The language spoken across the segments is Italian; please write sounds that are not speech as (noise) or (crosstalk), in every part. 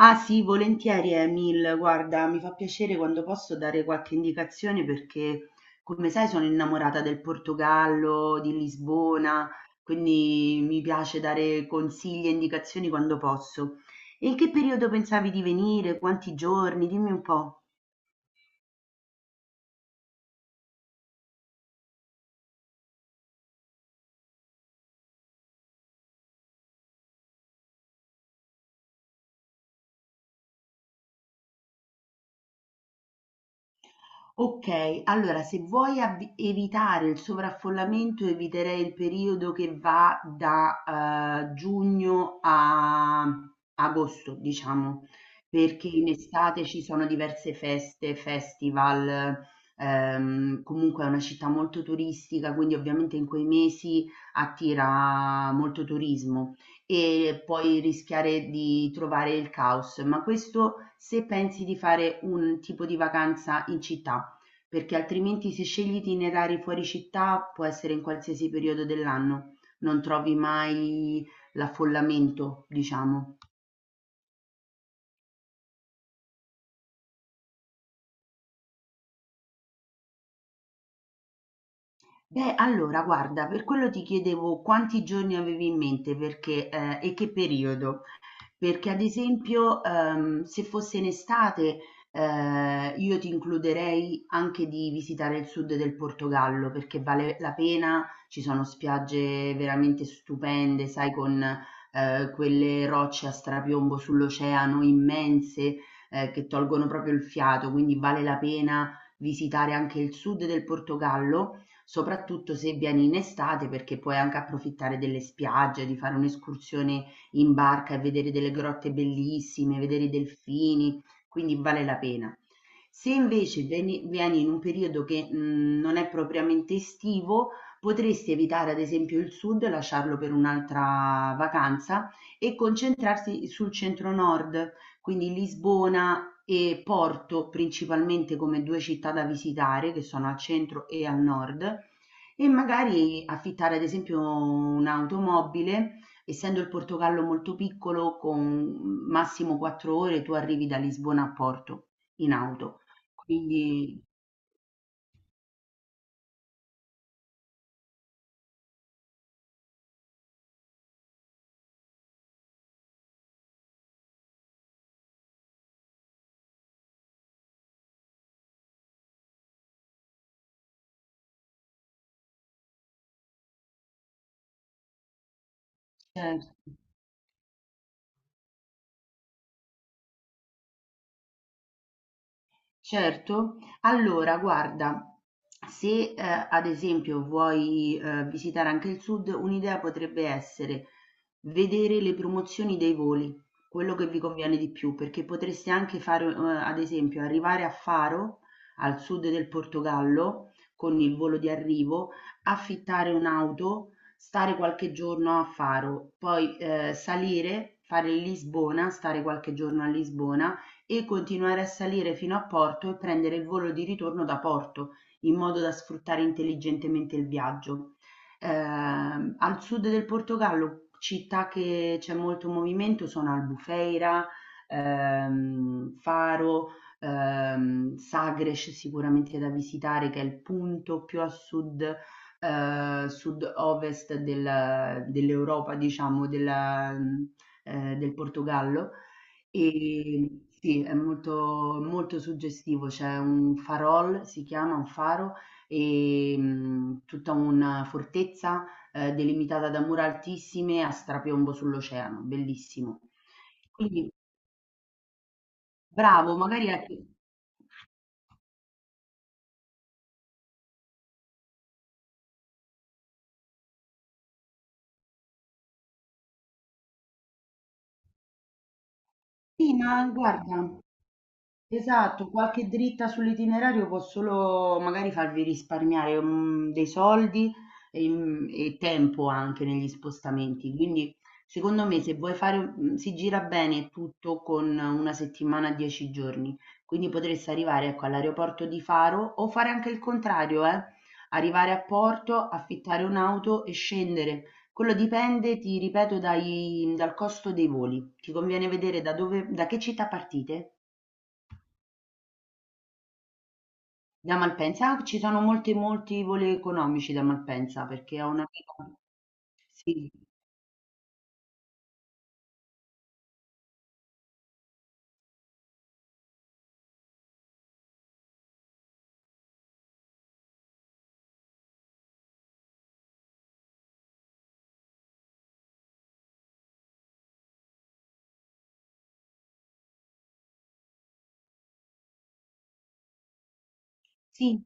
Ah sì, volentieri Emil, guarda, mi fa piacere quando posso dare qualche indicazione perché, come sai, sono innamorata del Portogallo, di Lisbona, quindi mi piace dare consigli e indicazioni quando posso. E in che periodo pensavi di venire? Quanti giorni? Dimmi un po'. Ok, allora se vuoi evitare il sovraffollamento, eviterei il periodo che va da giugno a agosto, diciamo, perché in estate ci sono diverse feste, festival, comunque è una città molto turistica, quindi ovviamente in quei mesi attira molto turismo e puoi rischiare di trovare il caos, ma questo se pensi di fare un tipo di vacanza in città perché altrimenti se scegli itinerari fuori città può essere in qualsiasi periodo dell'anno, non trovi mai l'affollamento, diciamo. Beh, allora, guarda, per quello ti chiedevo quanti giorni avevi in mente perché, e che periodo. Perché ad esempio, se fosse in estate, io ti includerei anche di visitare il sud del Portogallo, perché vale la pena, ci sono spiagge veramente stupende, sai, con quelle rocce a strapiombo sull'oceano immense, che tolgono proprio il fiato, quindi vale la pena visitare anche il sud del Portogallo, soprattutto se vieni in estate, perché puoi anche approfittare delle spiagge, di fare un'escursione in barca e vedere delle grotte bellissime, vedere i delfini, quindi vale la pena. Se invece vieni in un periodo che non è propriamente estivo, potresti evitare ad esempio il sud, lasciarlo per un'altra vacanza e concentrarsi sul centro-nord, quindi Lisbona e Porto principalmente come due città da visitare, che sono al centro e al nord, e magari affittare ad esempio un'automobile essendo il Portogallo molto piccolo, con massimo 4 ore tu arrivi da Lisbona a Porto in auto. Quindi, certo. Certo, allora guarda, se, ad esempio vuoi, visitare anche il sud, un'idea potrebbe essere vedere le promozioni dei voli, quello che vi conviene di più, perché potreste anche fare, ad esempio arrivare a Faro, al sud del Portogallo, con il volo di arrivo, affittare un'auto, stare qualche giorno a Faro, poi, salire, fare Lisbona, stare qualche giorno a Lisbona e continuare a salire fino a Porto e prendere il volo di ritorno da Porto, in modo da sfruttare intelligentemente il viaggio. Al sud del Portogallo, città che c'è molto movimento, sono Albufeira, Faro, Sagres sicuramente da visitare, che è il punto più a sud, sud-ovest dell'Europa, diciamo, del Portogallo e sì, è molto, molto suggestivo, c'è un farol, si chiama un faro, e tutta una fortezza delimitata da mura altissime a strapiombo sull'oceano, bellissimo. Quindi bravo, magari anche. Sì, ma guarda. Esatto, qualche dritta sull'itinerario può solo magari farvi risparmiare, dei soldi e e tempo anche negli spostamenti. Quindi secondo me se vuoi fare si gira bene tutto con 1 settimana, 10 giorni. Quindi potreste arrivare, ecco, all'aeroporto di Faro o fare anche il contrario, arrivare a Porto, affittare un'auto e scendere. Quello dipende, ti ripeto, dai dal costo dei voli. Ti conviene vedere da che città partite? Da Malpensa? Ah, ci sono molti voli economici da Malpensa perché ho un'amica. Sì, sì.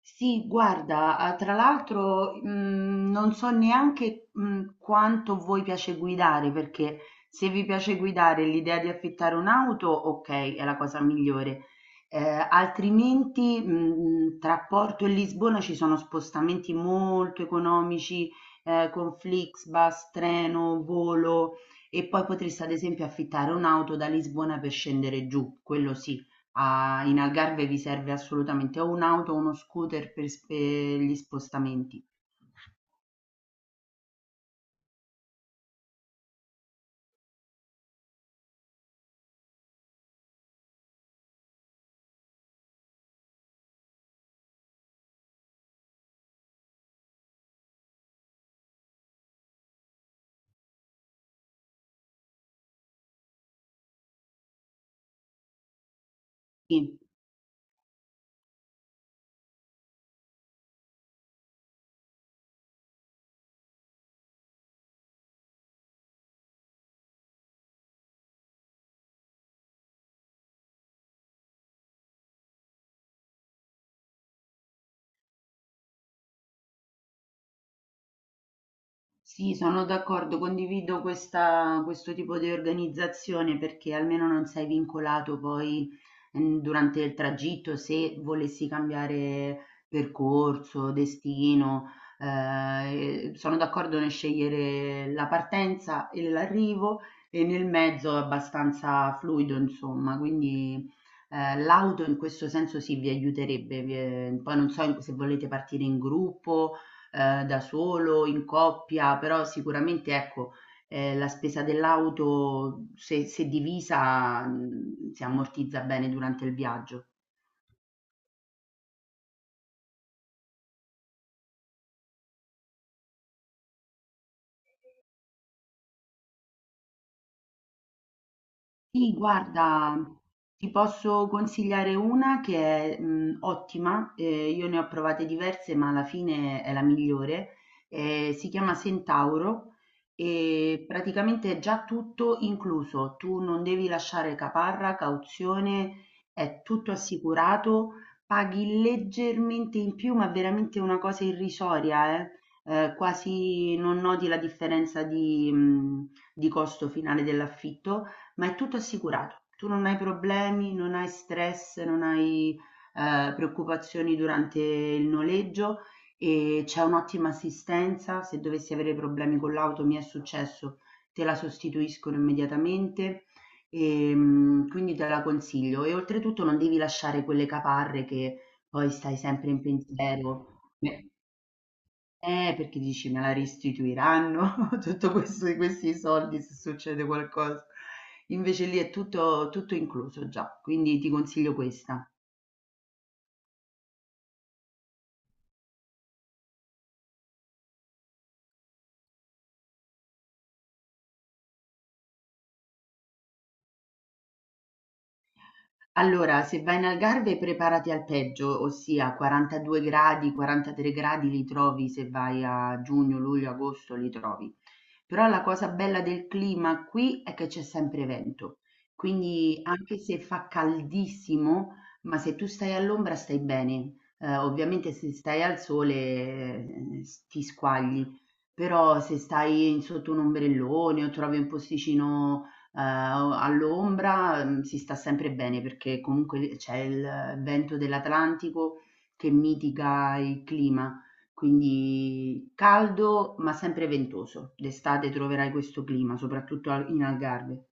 Sì, guarda, ah, tra l'altro, non so neanche, quanto voi piace guidare, perché se vi piace guidare l'idea di affittare un'auto, ok, è la cosa migliore. Eh, Altrimenti, tra Porto e Lisbona ci sono spostamenti molto economici, con Flixbus, treno, volo, e poi potreste ad esempio affittare un'auto da Lisbona per scendere giù, quello sì. A In Algarve vi serve assolutamente o un'auto o uno scooter per sp gli spostamenti. Sì. Sì, sono d'accordo, condivido questo tipo di organizzazione perché almeno non sei vincolato poi durante il tragitto se volessi cambiare percorso, destino. Sono d'accordo nel scegliere la partenza e l'arrivo e nel mezzo è abbastanza fluido, insomma, quindi l'auto in questo senso sì vi aiuterebbe. Poi non so se volete partire in gruppo da solo, in coppia, però sicuramente ecco, la spesa dell'auto se divisa, si ammortizza bene durante il viaggio. Sì, guarda, ti posso consigliare una che è ottima, io ne ho provate diverse, ma alla fine è la migliore. Si chiama Centauro e praticamente è già tutto incluso. Tu non devi lasciare caparra, cauzione, è tutto assicurato, paghi leggermente in più, ma veramente una cosa irrisoria, eh. Quasi non noti la differenza di costo finale dell'affitto ma è tutto assicurato. Tu non hai problemi, non hai stress, non hai preoccupazioni durante il noleggio e c'è un'ottima assistenza. Se dovessi avere problemi con l'auto, mi è successo, te la sostituiscono immediatamente e quindi te la consiglio. E oltretutto non devi lasciare quelle caparre che poi stai sempre in pensiero. Beh, perché dici me la restituiranno (laughs) tutto questo questi soldi se succede qualcosa. Invece lì è tutto, tutto incluso già, quindi ti consiglio questa. Allora, se vai in Algarve preparati al peggio, ossia 42 gradi, 43 gradi li trovi se vai a giugno, luglio, agosto li trovi. Però la cosa bella del clima qui è che c'è sempre vento, quindi anche se fa caldissimo, ma se tu stai all'ombra stai bene. Ovviamente se stai al sole, ti squagli, però se stai sotto un ombrellone o trovi un posticino, all'ombra, si sta sempre bene perché comunque c'è il vento dell'Atlantico che mitiga il clima quindi caldo ma sempre ventoso. D'estate troverai questo clima, soprattutto in Algarve.